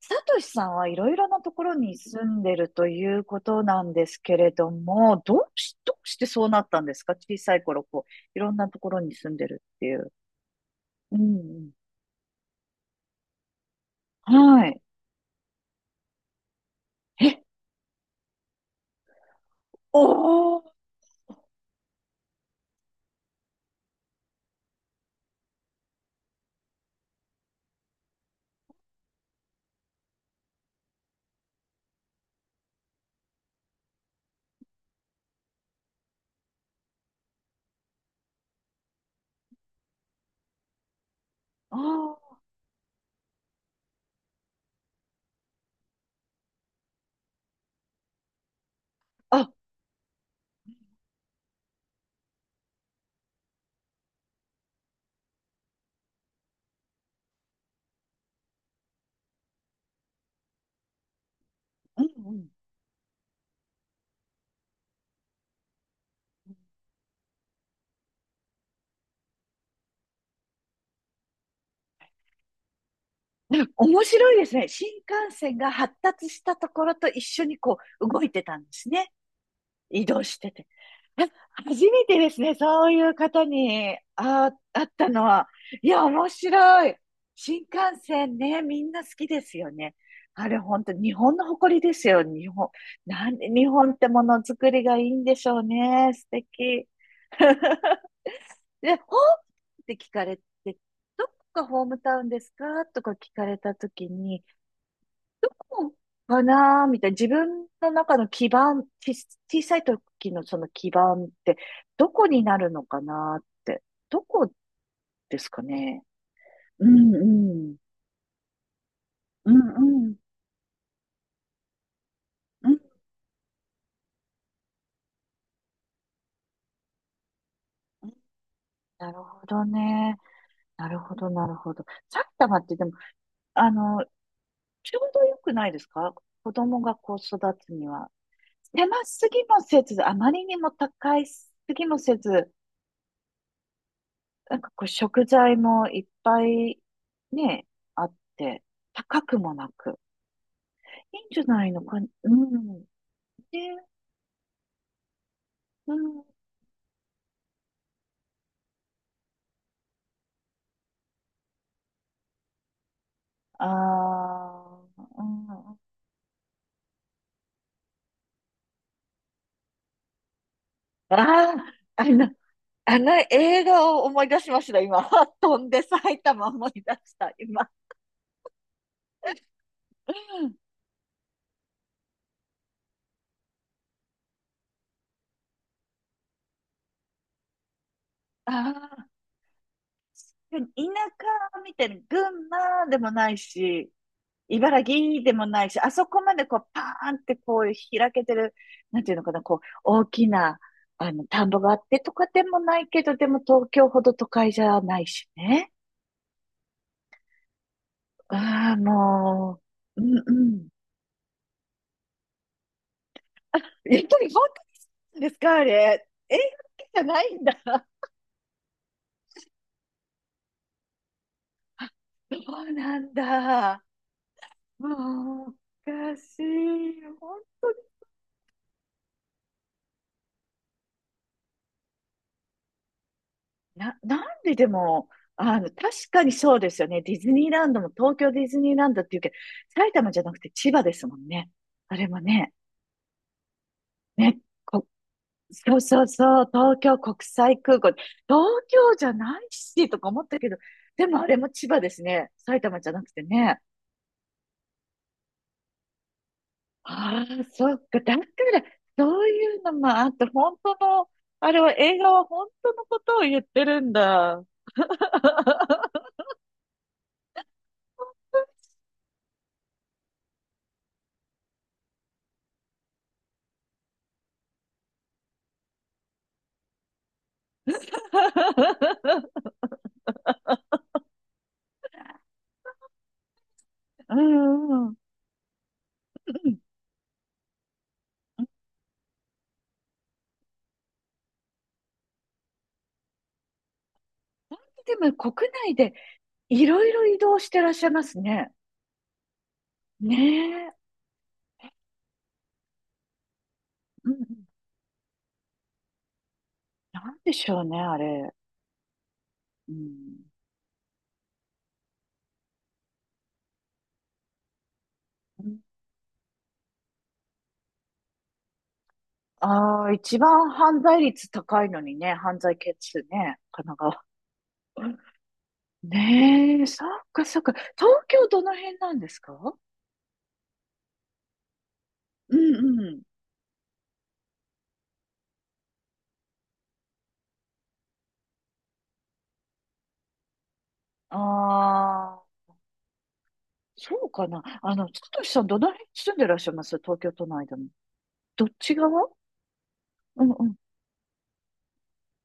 サトシさんはいろいろなところに住んでるということなんですけれども、どうしてそうなったんですか、小さい頃、こう、いろんなところに住んでるっていう。うんうん。はい。え、おー、あー、あ、うんうん。なんか面白いですね。新幹線が発達したところと一緒にこう、動いてたんですね。移動してて。初めてですね、そういう方に、あったのは。いや、面白い。新幹線ね、みんな好きですよね。あれ、本当日本の誇りですよ、日本。なんで日本ってものづくりがいいんでしょうね。素敵。で、ホームって聞かれて、どこがホームタウンですかとか聞かれたときに、かなーみたいな。自分の中の基盤、小さい時のその基盤って、どこになるのかなーって。どこですかね。うんうん。うんうん。うんうん。なるほどね。なるほど、なるほど。埼玉ってでも、あの、ちょうどよくないですか、子供がこう育つには。狭すぎもせず、あまりにも高いすぎもせず、なんかこう食材もいっぱいね、あって、高くもなく、いいんじゃないのか、うん。ね。うん。あー、うん。あー、あの、あの映画を思い出しました、今。飛んで埼玉思い出した、今。うん。ああ、でも田舎みたいな、群馬でもないし、茨城でもないし、あそこまでこう、パーンってこう、開けてる、なんていうのかな、こう、大きな、あの、田んぼがあってとかでもないけど、でも東京ほど都会じゃないしね。ああ、もう、うんうん。やっぱり本当なんですか、あれ。映画だけじゃないんだ。そうなんだ。もう、おかしい。なんででも、あの、確かにそうですよね。ディズニーランドも東京ディズニーランドっていうけど、埼玉じゃなくて千葉ですもんね。あれもね。ね、こ、そうそうそう、東京国際空港。東京じゃないし、とか思ったけど、でもあれも千葉ですね。埼玉じゃなくてね。ああ、そっか。だから、そういうのもあって、本当の、あれは映画は本当のことを言ってるんだ。うんうん。でも国内でいろいろ移動してらっしゃいますね。ねえ。うんうん。なんでしょうね、あれ。うん。うん。ああ、一番犯罪率高いのにね、犯罪件数ね、神奈川。ねえ、そっかそっか。東京どの辺なんですか。うんうん。ああ、そうかな。あの、つとしさんどの辺住んでらっしゃいます、東京都内でも。どっち側。うんうん。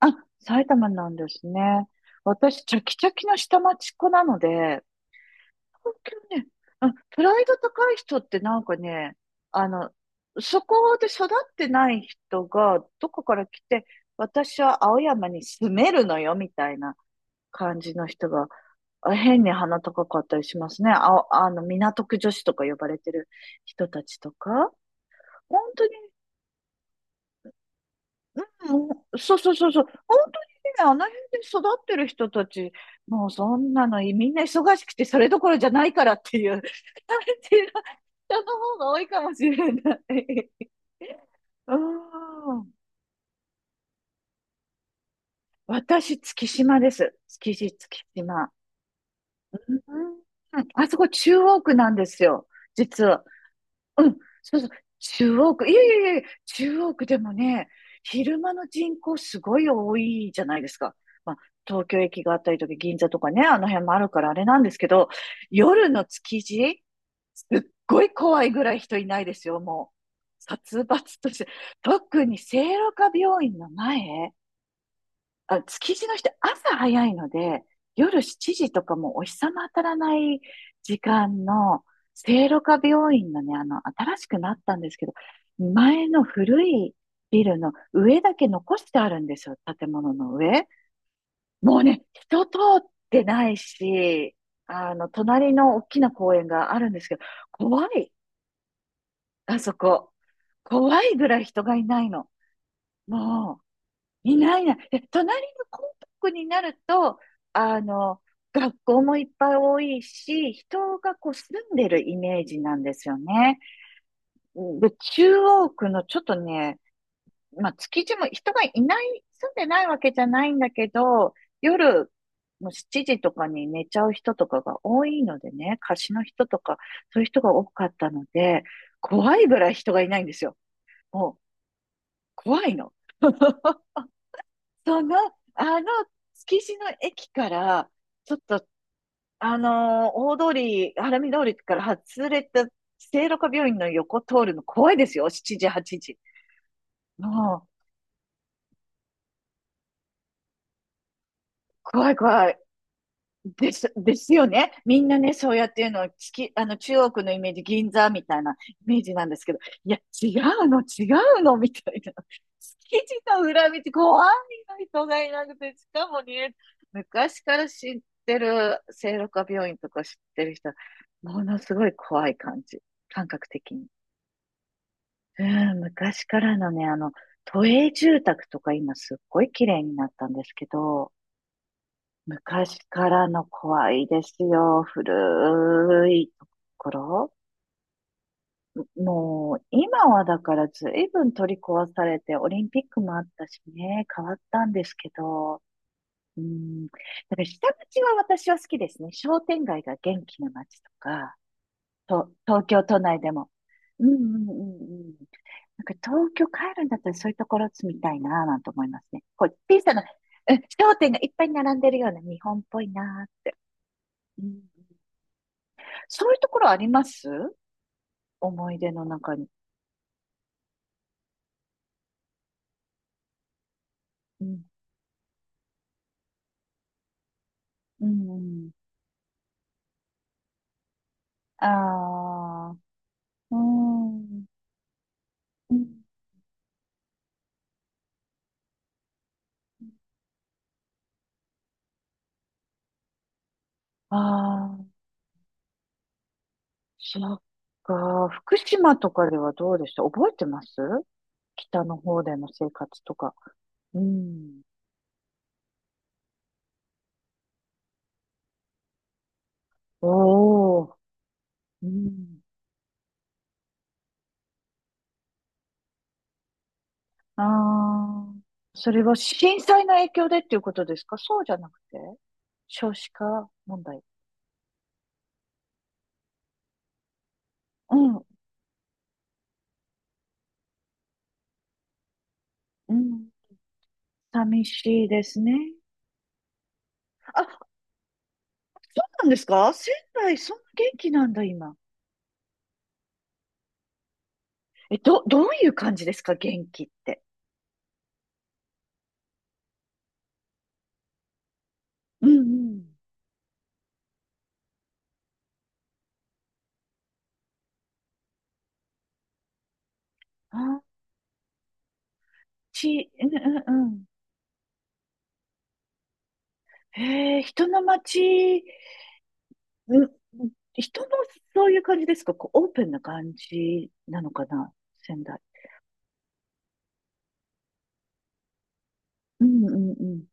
あ、埼玉なんですね。私、チャキチャキの下町っ子なので、東京ね、うん、プライド高い人ってなんかね、あの、そこで育ってない人が、どこから来て、私は青山に住めるのよ、みたいな感じの人が、あ、変に鼻高かったりしますね。あ、あの、港区女子とか呼ばれてる人たちとか。本当、うん、そうそうそうそう。本当にね、あの辺で育ってる人たち、もうそんなのみんな忙しくてそれどころじゃないからっていう 感じの人の方が多いかもしれない。うん。私、月島です。築地、月島。うん。あそこ中央区なんですよ。実は。うん、そうそう、中央区、いやいやいやいや、中央区でもね、昼間の人口すごい多いじゃないですか。まあ、東京駅があったりとか、銀座とかね、あの辺もあるからあれなんですけど、夜の築地、すっごい怖いぐらい人いないですよ、もう。殺伐として。特に聖路加病院の前、あ、築地の人、朝早いので、夜7時とかもうお日様当たらない時間の、聖路加病院のね、あの、新しくなったんですけど、前の古いビルの上だけ残してあるんですよ、建物の上。もうね、人通ってないし、あの、隣の大きな公園があるんですけど、怖い、あそこ。怖いぐらい人がいないの。もいないいない。え、隣のコンパクトになると、あの、学校もいっぱい多いし、人がこう住んでるイメージなんですよね。で、中央区のちょっとね、まあ、築地も人がいない、住んでないわけじゃないんだけど、夜もう7時とかに寝ちゃう人とかが多いのでね、貸しの人とか、そういう人が多かったので、怖いぐらい人がいないんですよ。もう、怖いの。その、あの、築地の駅から、ちょっと、あのー大通り、晴海通りから外れた、聖路加病院の横通るの怖いですよ。7時、8時。もう、怖い、怖です、ですよね。みんなね、そうやっていうのは、あの、中国のイメージ、銀座みたいなイメージなんですけど、いや、違うの、違うの、みたいな。築地の裏道、怖いの、人がいなくて、しかもね、昔から知ってる、聖路加病院とか知ってる人、ものすごい怖い感じ、感覚的に。うん、昔からのね、あの、都営住宅とか今すっごい綺麗になったんですけど、昔からの怖いですよ。古いところ。もう、今はだから随分取り壊されて、オリンピックもあったしね、変わったんですけど、うん、だから下町は私は好きですね。商店街が元気な街とか、と、東京都内でも。うんうんうんうん。なんか東京帰るんだったらそういうところ住みたいなぁなんて思いますね。こう、小さな、うん、商店がいっぱい並んでるような日本っぽいなぁ。うん、そういうところあります、思い出の中に。うん。うん。ああ、うん。うん。ああー、そっか。福島とかではどうでした、覚えてます、北の方での生活とか。うん。おお。うん。ああ。それは震災の影響でっていうことですか、そうじゃなくて少子化問題。うん。うん。寂しいですね。あ、なんですか仙台、そんな元気なんだ、今。え、どういう感じですか元気って。うんうん。あ、ち、うんうんうん。へえ、人の街、うん、人のそういう感じですか、こう、オープンな感じなのかな、仙台。うんうん